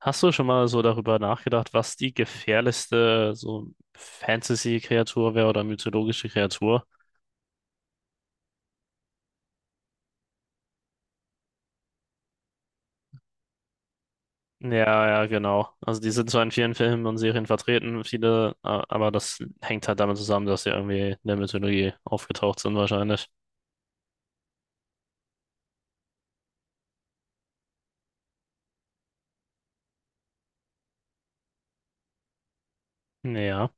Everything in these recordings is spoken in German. Hast du schon mal so darüber nachgedacht, was die gefährlichste so Fantasy-Kreatur wäre oder mythologische Kreatur? Ja, ja, genau. Also die sind zwar in vielen Filmen und Serien vertreten, viele, aber das hängt halt damit zusammen, dass sie irgendwie in der Mythologie aufgetaucht sind wahrscheinlich. Ja,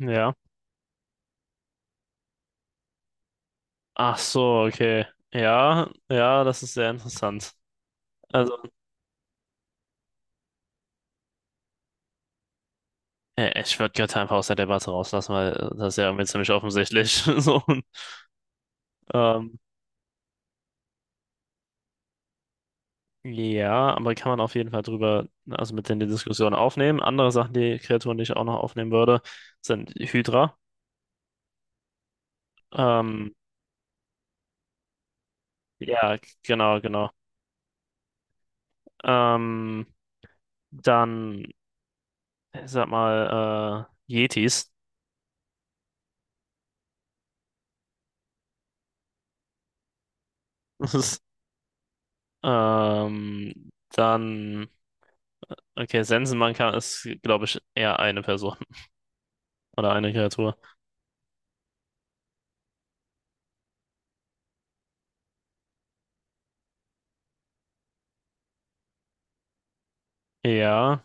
ja. Ach so, okay. Ja, ja, das ist sehr interessant. Also, ich würde Götter einfach aus der Debatte rauslassen, weil das ist ja irgendwie ziemlich offensichtlich. So, ähm, ja, aber kann man auf jeden Fall drüber, ne, also mit in die Diskussion aufnehmen. Andere Sachen, die Kreaturen, die ich auch noch aufnehmen würde, sind Hydra. Mhm. Ja, genau, genau. Ähm, dann, ich sag mal, Yetis. Dann, okay, Sensenmann kann, ist, glaube ich, eher eine Person oder eine Kreatur. Ja,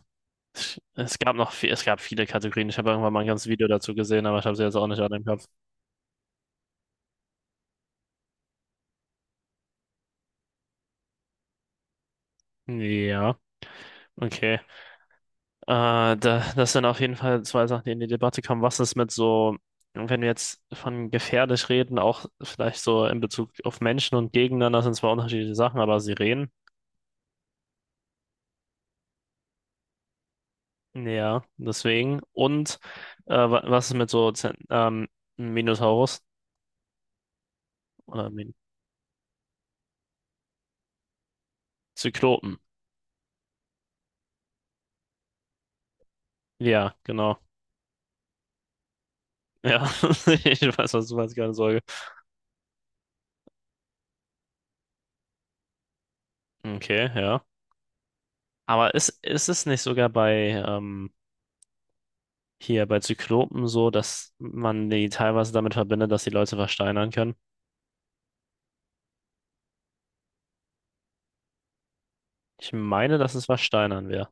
es gab noch viel, es gab viele Kategorien. Ich habe irgendwann mal ein ganzes Video dazu gesehen, aber ich habe sie jetzt auch nicht an dem Kopf. Ja, okay. Äh, da, das sind auf jeden Fall zwei Sachen, die in die Debatte kamen. Was ist mit so, wenn wir jetzt von gefährlich reden, auch vielleicht so in Bezug auf Menschen und Gegeneinander, das sind zwar unterschiedliche Sachen, aber Sirenen, ja, deswegen. Und was ist mit so Minotaurus oder Min Zyklopen? Ja, genau. Ja, ich weiß, was du meinst, keine Sorge. Okay, ja. Aber ist es nicht sogar bei hier bei Zyklopen so, dass man die teilweise damit verbindet, dass die Leute versteinern können. Ich meine, dass es versteinern wäre.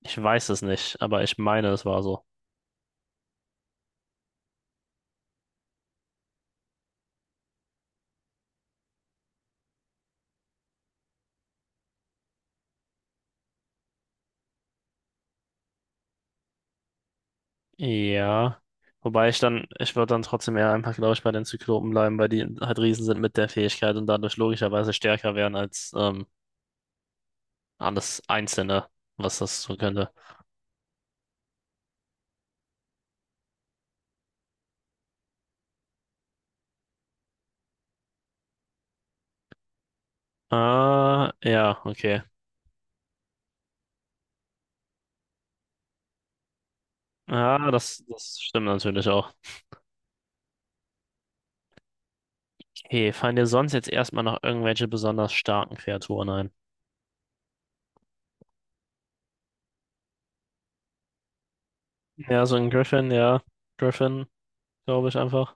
Ich weiß es nicht, aber ich meine, es war so. Ja. Wobei ich dann, ich würde dann trotzdem eher einfach, glaube ich, bei den Zyklopen bleiben, weil die halt Riesen sind mit der Fähigkeit und dadurch logischerweise stärker wären als alles Einzelne, was das so könnte. Ah, ja, okay. Ah, das, das stimmt natürlich auch. Okay, fallen dir sonst jetzt erstmal noch irgendwelche besonders starken Kreaturen ein? Ja, so ein Griffin, ja. Griffin, glaube ich einfach.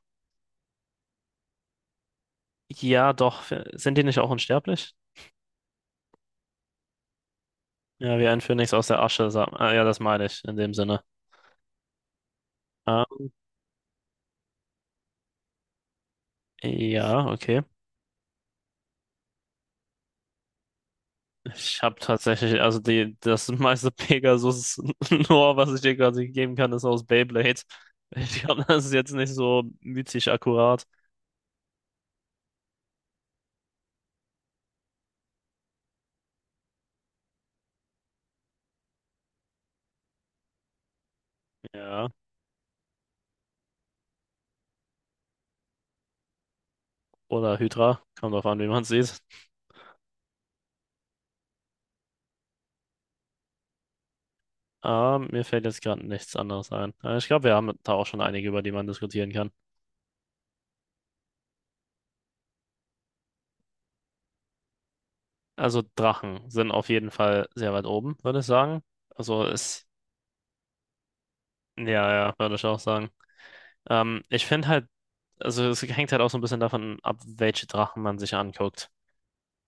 Ja, doch. Sind die nicht auch unsterblich? Ja, wie ein Phönix aus der Asche. Sagt, ah, ja, das meine ich in dem Sinne. Ah, ja, okay. Ich habe tatsächlich, also die, das meiste Pegasus-Lore, was ich dir gerade geben kann, ist aus Beyblade. Ich glaube, das ist jetzt nicht so mythisch akkurat. Ja. Oder Hydra. Kommt drauf an, wie man sieht. Ah, mir fällt jetzt gerade nichts anderes ein. Ich glaube, wir haben da auch schon einige, über die man diskutieren kann. Also Drachen sind auf jeden Fall sehr weit oben, würde ich sagen. Also ist, ja, ja, würde ich auch sagen. Ich finde halt, also es hängt halt auch so ein bisschen davon ab, welche Drachen man sich anguckt.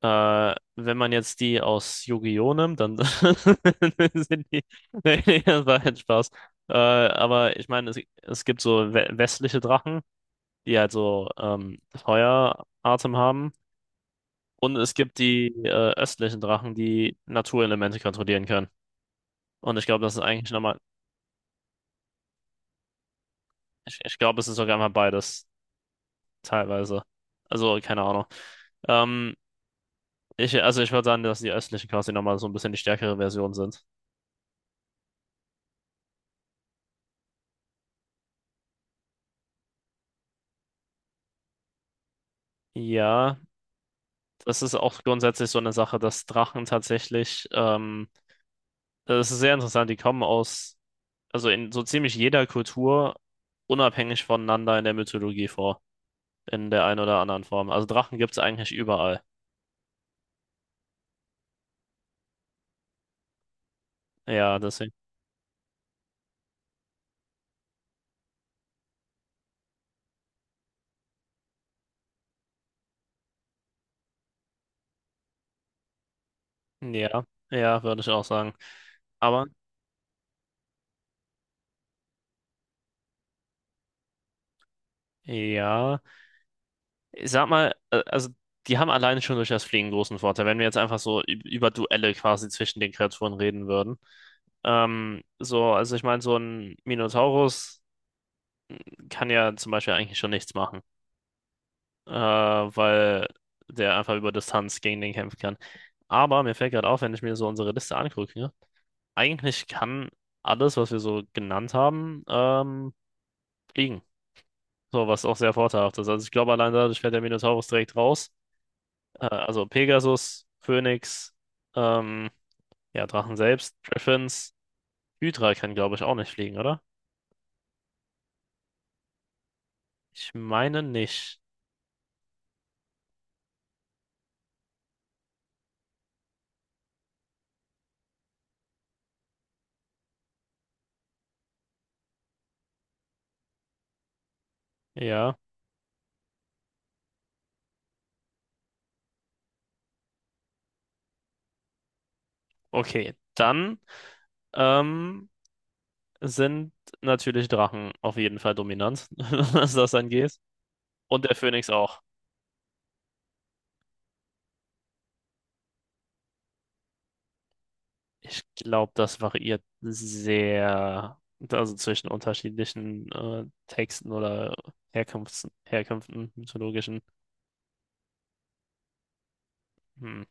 Wenn man jetzt die aus Yu-Gi-Oh! Nimmt, dann sind die, nee, das war halt Spaß. Aber ich meine, es gibt so westliche Drachen, die halt so Feueratem haben. Und es gibt die östlichen Drachen, die Naturelemente kontrollieren können. Und ich glaube, das ist eigentlich nochmal, ich glaube, es ist sogar mal beides, teilweise. Also, keine Ahnung. Ähm, ich, also ich würde sagen, dass die östlichen quasi nochmal so ein bisschen die stärkere Version sind. Ja, das ist auch grundsätzlich so eine Sache, dass Drachen tatsächlich, das ist sehr interessant, die kommen aus, also in so ziemlich jeder Kultur unabhängig voneinander in der Mythologie vor, in der einen oder anderen Form. Also Drachen gibt es eigentlich überall. Ja, deswegen. Ja, ja, würde ich auch sagen. Aber ja. Ich sag mal, also die haben alleine schon durch das Fliegen großen Vorteil, wenn wir jetzt einfach so über Duelle quasi zwischen den Kreaturen reden würden. So, also ich meine, so ein Minotaurus kann ja zum Beispiel eigentlich schon nichts machen, weil der einfach über Distanz gegen den kämpfen kann. Aber mir fällt gerade auf, wenn ich mir so unsere Liste angucke, ne? Eigentlich kann alles, was wir so genannt haben, fliegen. So, was auch sehr vorteilhaft ist. Also ich glaube, allein dadurch fällt der Minotaurus direkt raus. Also Pegasus, Phönix, ähm, ja, Drachen selbst, Griffins. Hydra kann, glaube ich, auch nicht fliegen, oder? Ich meine nicht. Ja, okay. Dann ähm, sind natürlich Drachen auf jeden Fall dominant, was das angeht. Und der Phönix auch. Ich glaube, das variiert sehr, also zwischen unterschiedlichen Texten oder Herkunfts Herkünften, mythologischen. Hm.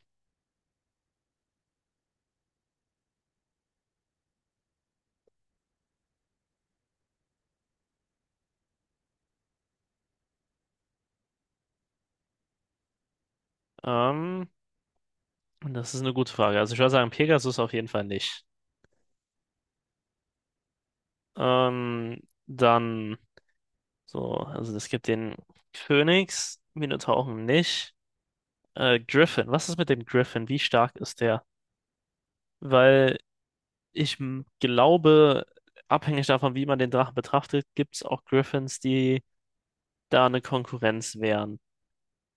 Ähm, das ist eine gute Frage. Also ich würde sagen, Pegasus auf jeden Fall nicht. Ähm, dann so, also es gibt den Phönix, Minotauren nicht. Griffin, was ist mit dem Griffin? Wie stark ist der? Weil ich glaube, abhängig davon, wie man den Drachen betrachtet, gibt es auch Griffins, die da eine Konkurrenz wären.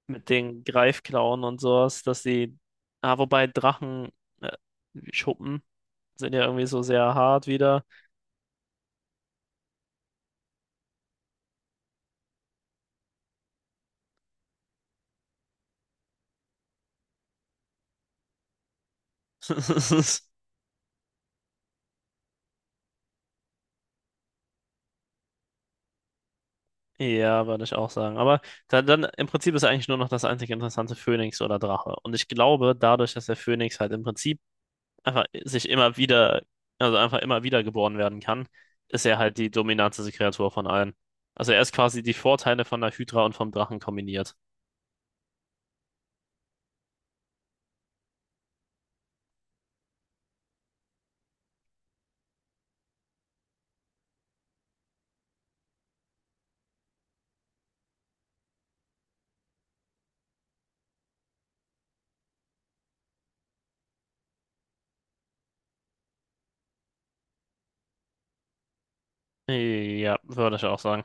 Mit den Greifklauen und sowas, dass die, ah, wobei Drachen, äh, Schuppen sind ja irgendwie so sehr hart wieder. Ja, würde ich auch sagen. Aber da, dann im Prinzip ist eigentlich nur noch das einzige interessante Phönix oder Drache. Und ich glaube, dadurch, dass der Phönix halt im Prinzip einfach sich immer wieder, also einfach immer wieder geboren werden kann, ist er halt die dominanteste Kreatur von allen. Also er ist quasi die Vorteile von der Hydra und vom Drachen kombiniert. Ja, würde ich auch sagen.